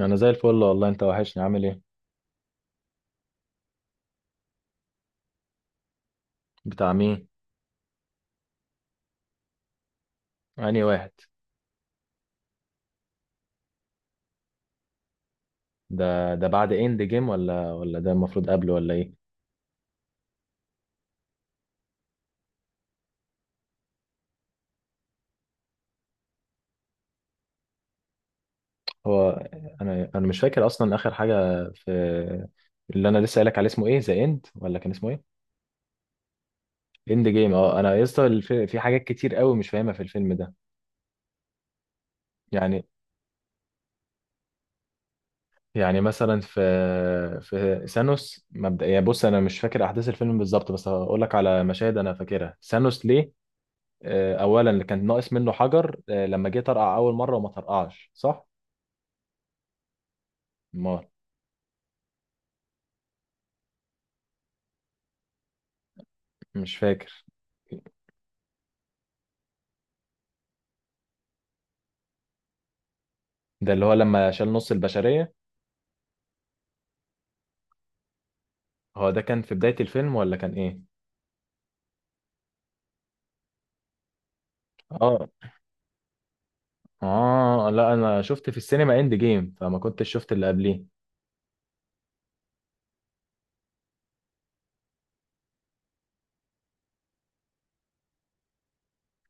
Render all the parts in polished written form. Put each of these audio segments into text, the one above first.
انا زي الفل والله، انت وحشني، عامل ايه؟ بتاع مين؟ انهي واحد؟ ده بعد اند جيم ولا ده المفروض قبله ولا ايه؟ هو انا مش فاكر اصلا اخر حاجه في اللي انا لسه قايلك عليه. اسمه ايه؟ ذا اند ولا كان اسمه ايه؟ اند جيم. اه انا يا اسطى، في حاجات كتير قوي مش فاهمها في الفيلم ده. يعني يعني مثلا في ثانوس مبدئيا، بص، انا مش فاكر احداث الفيلم بالظبط بس هقول لك على مشاهد انا فاكرها. ثانوس ليه؟ اولا اللي كان ناقص منه حجر. لما جه طرقع اول مره وما طرقعش صح. ما، مش فاكر. ده اللي هو لما شال نص البشريه. هو ده كان في بدايه الفيلم ولا كان ايه؟ اه، اه، لا، انا شفت في السينما اند جيم فما كنتش شفت اللي قبليه.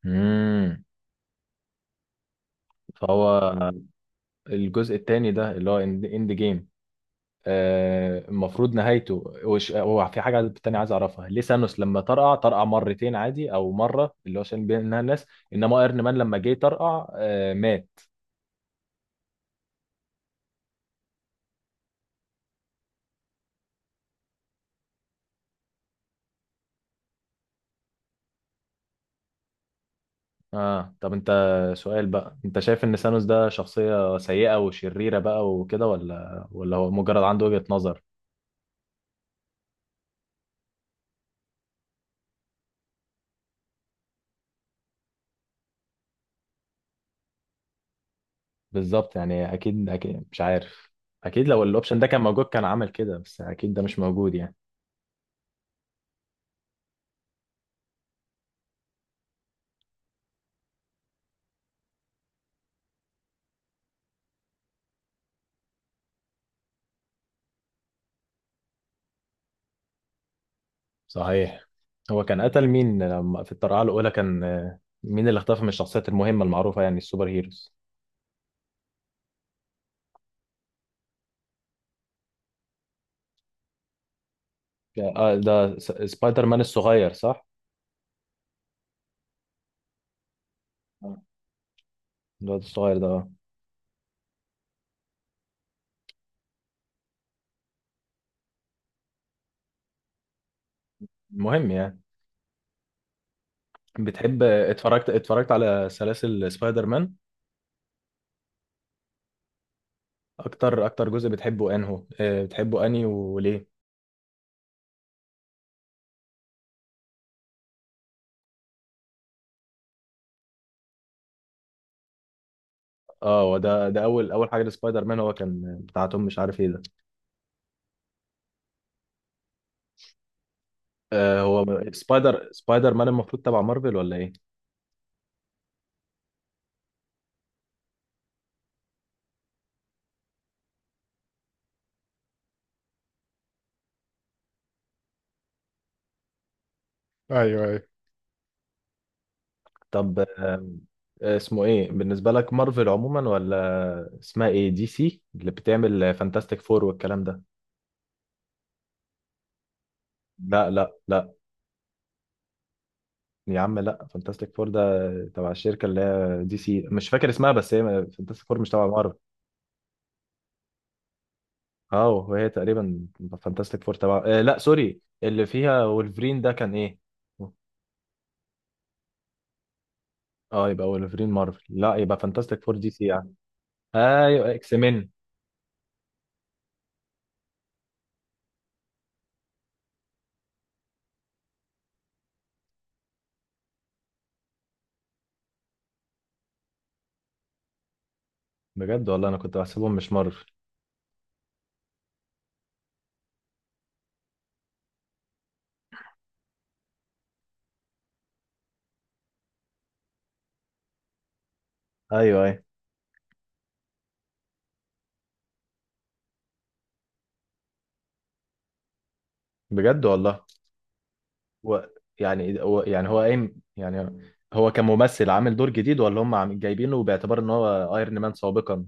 امم فهو الجزء التاني ده اللي هو اند جيم. المفروض نهايته، هو في حاجة تانية عايز أعرفها. ليه سانوس لما طرقع، طرقع مرتين عادي أو مرة، اللي هو عشان بينها الناس؟ إنما ايرن مان لما جه طرقع مات. طب أنت، سؤال بقى، أنت شايف إن سانوس ده شخصية سيئة وشريرة بقى وكده ولا هو مجرد عنده وجهة نظر؟ بالظبط، يعني أكيد أكيد مش عارف. أكيد لو الأوبشن ده كان موجود كان عمل كده، بس أكيد ده مش موجود يعني. صحيح. هو كان قتل مين لما في الطرقعة الأولى؟ كان مين اللي اختفى من الشخصيات المهمة المعروفة، يعني السوبر هيروز؟ آه، ده سبايدر مان الصغير، صح؟ آه، الواد الصغير ده. المهم يعني. بتحب، اتفرجت على سلاسل سبايدر مان؟ أكتر جزء بتحبه أنهو، بتحبه أنهي وليه؟ اه، هو ده أول أول حاجة لسبايدر مان، هو كان بتاعتهم، مش عارف ايه ده. آه، هو سبايدر مان المفروض تبع مارفل ولا ايه؟ ايوه، ايوه. طب اسمه ايه بالنسبة لك؟ مارفل عموما ولا اسمها ايه دي سي اللي بتعمل فانتاستيك فور والكلام ده؟ لا، لا، لا. يا عم لا، فانتاستيك فور ده تبع الشركة اللي هي دي سي، مش فاكر اسمها، بس هي، فانتاستيك فور مش تبع مارفل. اه، وهي تقريبا فانتاستيك فور تبع، لا سوري، اللي فيها وولفرين ده كان ايه؟ اه يبقى وولفرين مارفل، لا يبقى فانتاستيك فور دي سي يعني. ايوه، اكس مين. بجد والله، انا كنت بحسبهم مش مارفل. ايوه، ايوه. بجد والله. هو هو قايم يعني. هو كممثل عامل دور جديد ولا هم جايبينه باعتبار ان هو ايرون مان سابقا؟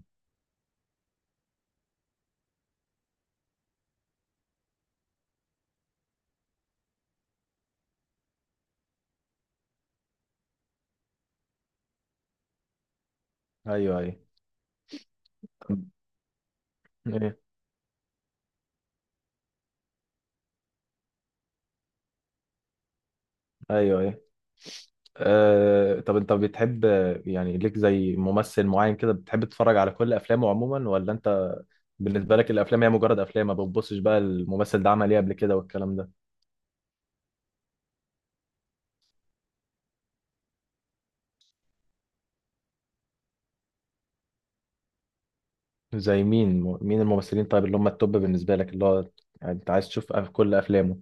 ايوه، ايوه. ايه. ايوه. ايه. أه طب انت بتحب، يعني ليك زي ممثل معين كده بتحب تتفرج على كل افلامه عموما، ولا انت بالنسبه لك الافلام هي مجرد افلام، ما بتبصش بقى الممثل ده عمل ايه قبل كده والكلام ده؟ زي مين الممثلين طيب اللي هم التوب بالنسبه لك، اللي هو يعني انت عايز تشوف كل افلامه؟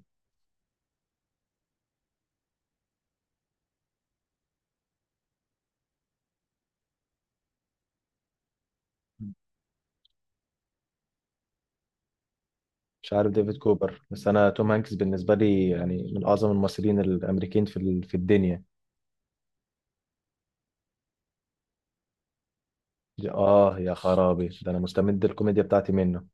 مش عارف ديفيد كوبر، بس انا توم هانكس بالنسبه لي يعني من اعظم الممثلين الامريكين في في الدنيا. اه يا خرابي، ده انا مستمد الكوميديا بتاعتي منه.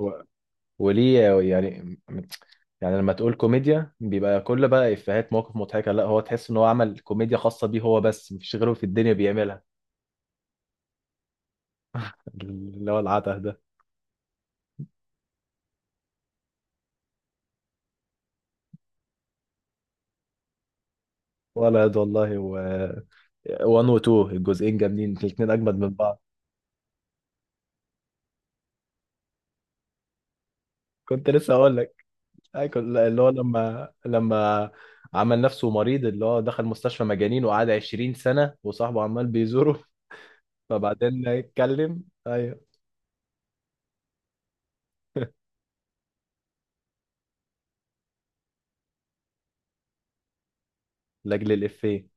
هو، وليه؟ يعني يعني لما تقول كوميديا بيبقى كل بقى افيهات مواقف مضحكه، لا هو تحس ان هو عمل كوميديا خاصه بيه هو بس مفيش غيره في الدنيا بيعملها؟ اللي هو العته ده. ولد والله، و 1 و 2 الجزئين جامدين الاثنين اجمد من بعض. كنت لسه اقول. ايوه، اللي هو لما عمل نفسه مريض، اللي هو دخل مستشفى مجانين وقعد 20 سنة وصاحبه عمال بيزوره. فبعدين يتكلم، ايوه. لاجل الافيه.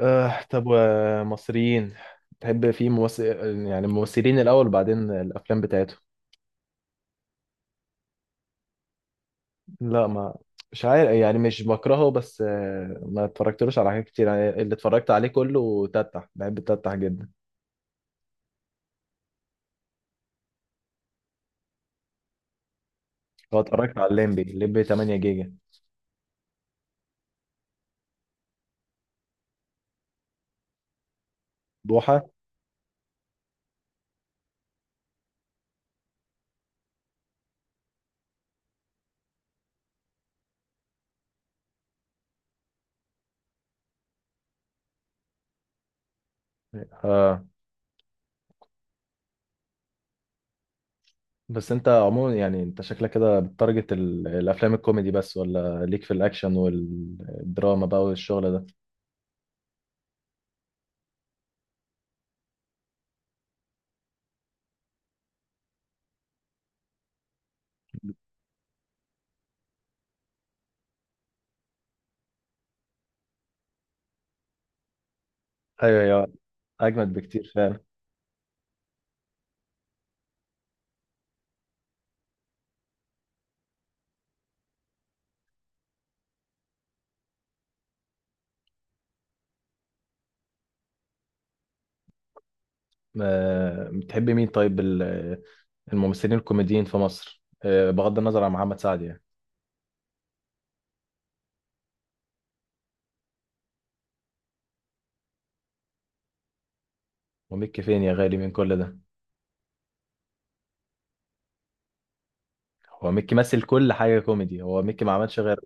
طب ومصريين، تحب في ممثل، يعني الممثلين الاول وبعدين الافلام بتاعتهم؟ لا، ما مش عارف يعني، مش بكرهه بس ما اتفرجتلوش على حاجات كتير يعني، اللي اتفرجت عليه كله تتح، بحب تتح جدا. هو اتفرجت على الليمبي 8 جيجا؟ بوحة. اه، بس انت عموما يعني انت شكلك كده بتارجت الافلام الكوميدي بس، ولا ليك في الاكشن والدراما بقى والشغل ده؟ ايوه، ايوه، اجمد بكتير فعلا. بتحب مين طيب الممثلين الكوميديين في مصر بغض النظر عن محمد سعد يعني؟ وميكي فين يا غالي من كل ده؟ هو ميكي مثل كل حاجه كوميدي، هو ميكي ما عملش غير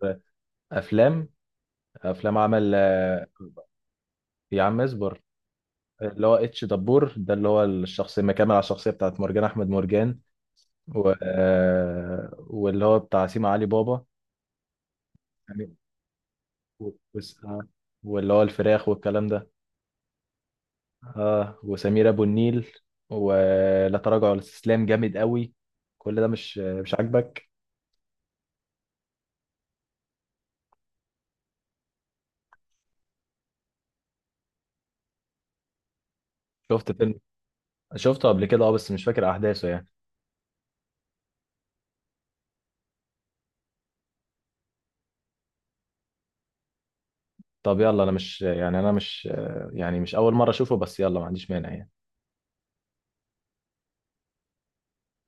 افلام. افلام عمل. يا عم اصبر. اللي هو اتش دبور ده اللي هو الشخصيه مكمل على الشخصيه بتاعت مرجان، احمد مرجان. و... واللي هو بتاع سيما علي بابا. يعني، و- وس- آه. واللي هو الفراخ والكلام ده. اه، وسمير ابو النيل. ولا تراجع ولا استسلام جامد قوي. كل ده مش عاجبك؟ شفت فيلم، قبل كده اه، بس مش فاكر احداثه يعني. طب يلا، انا مش اول مره اشوفه بس يلا ما عنديش مانع يعني.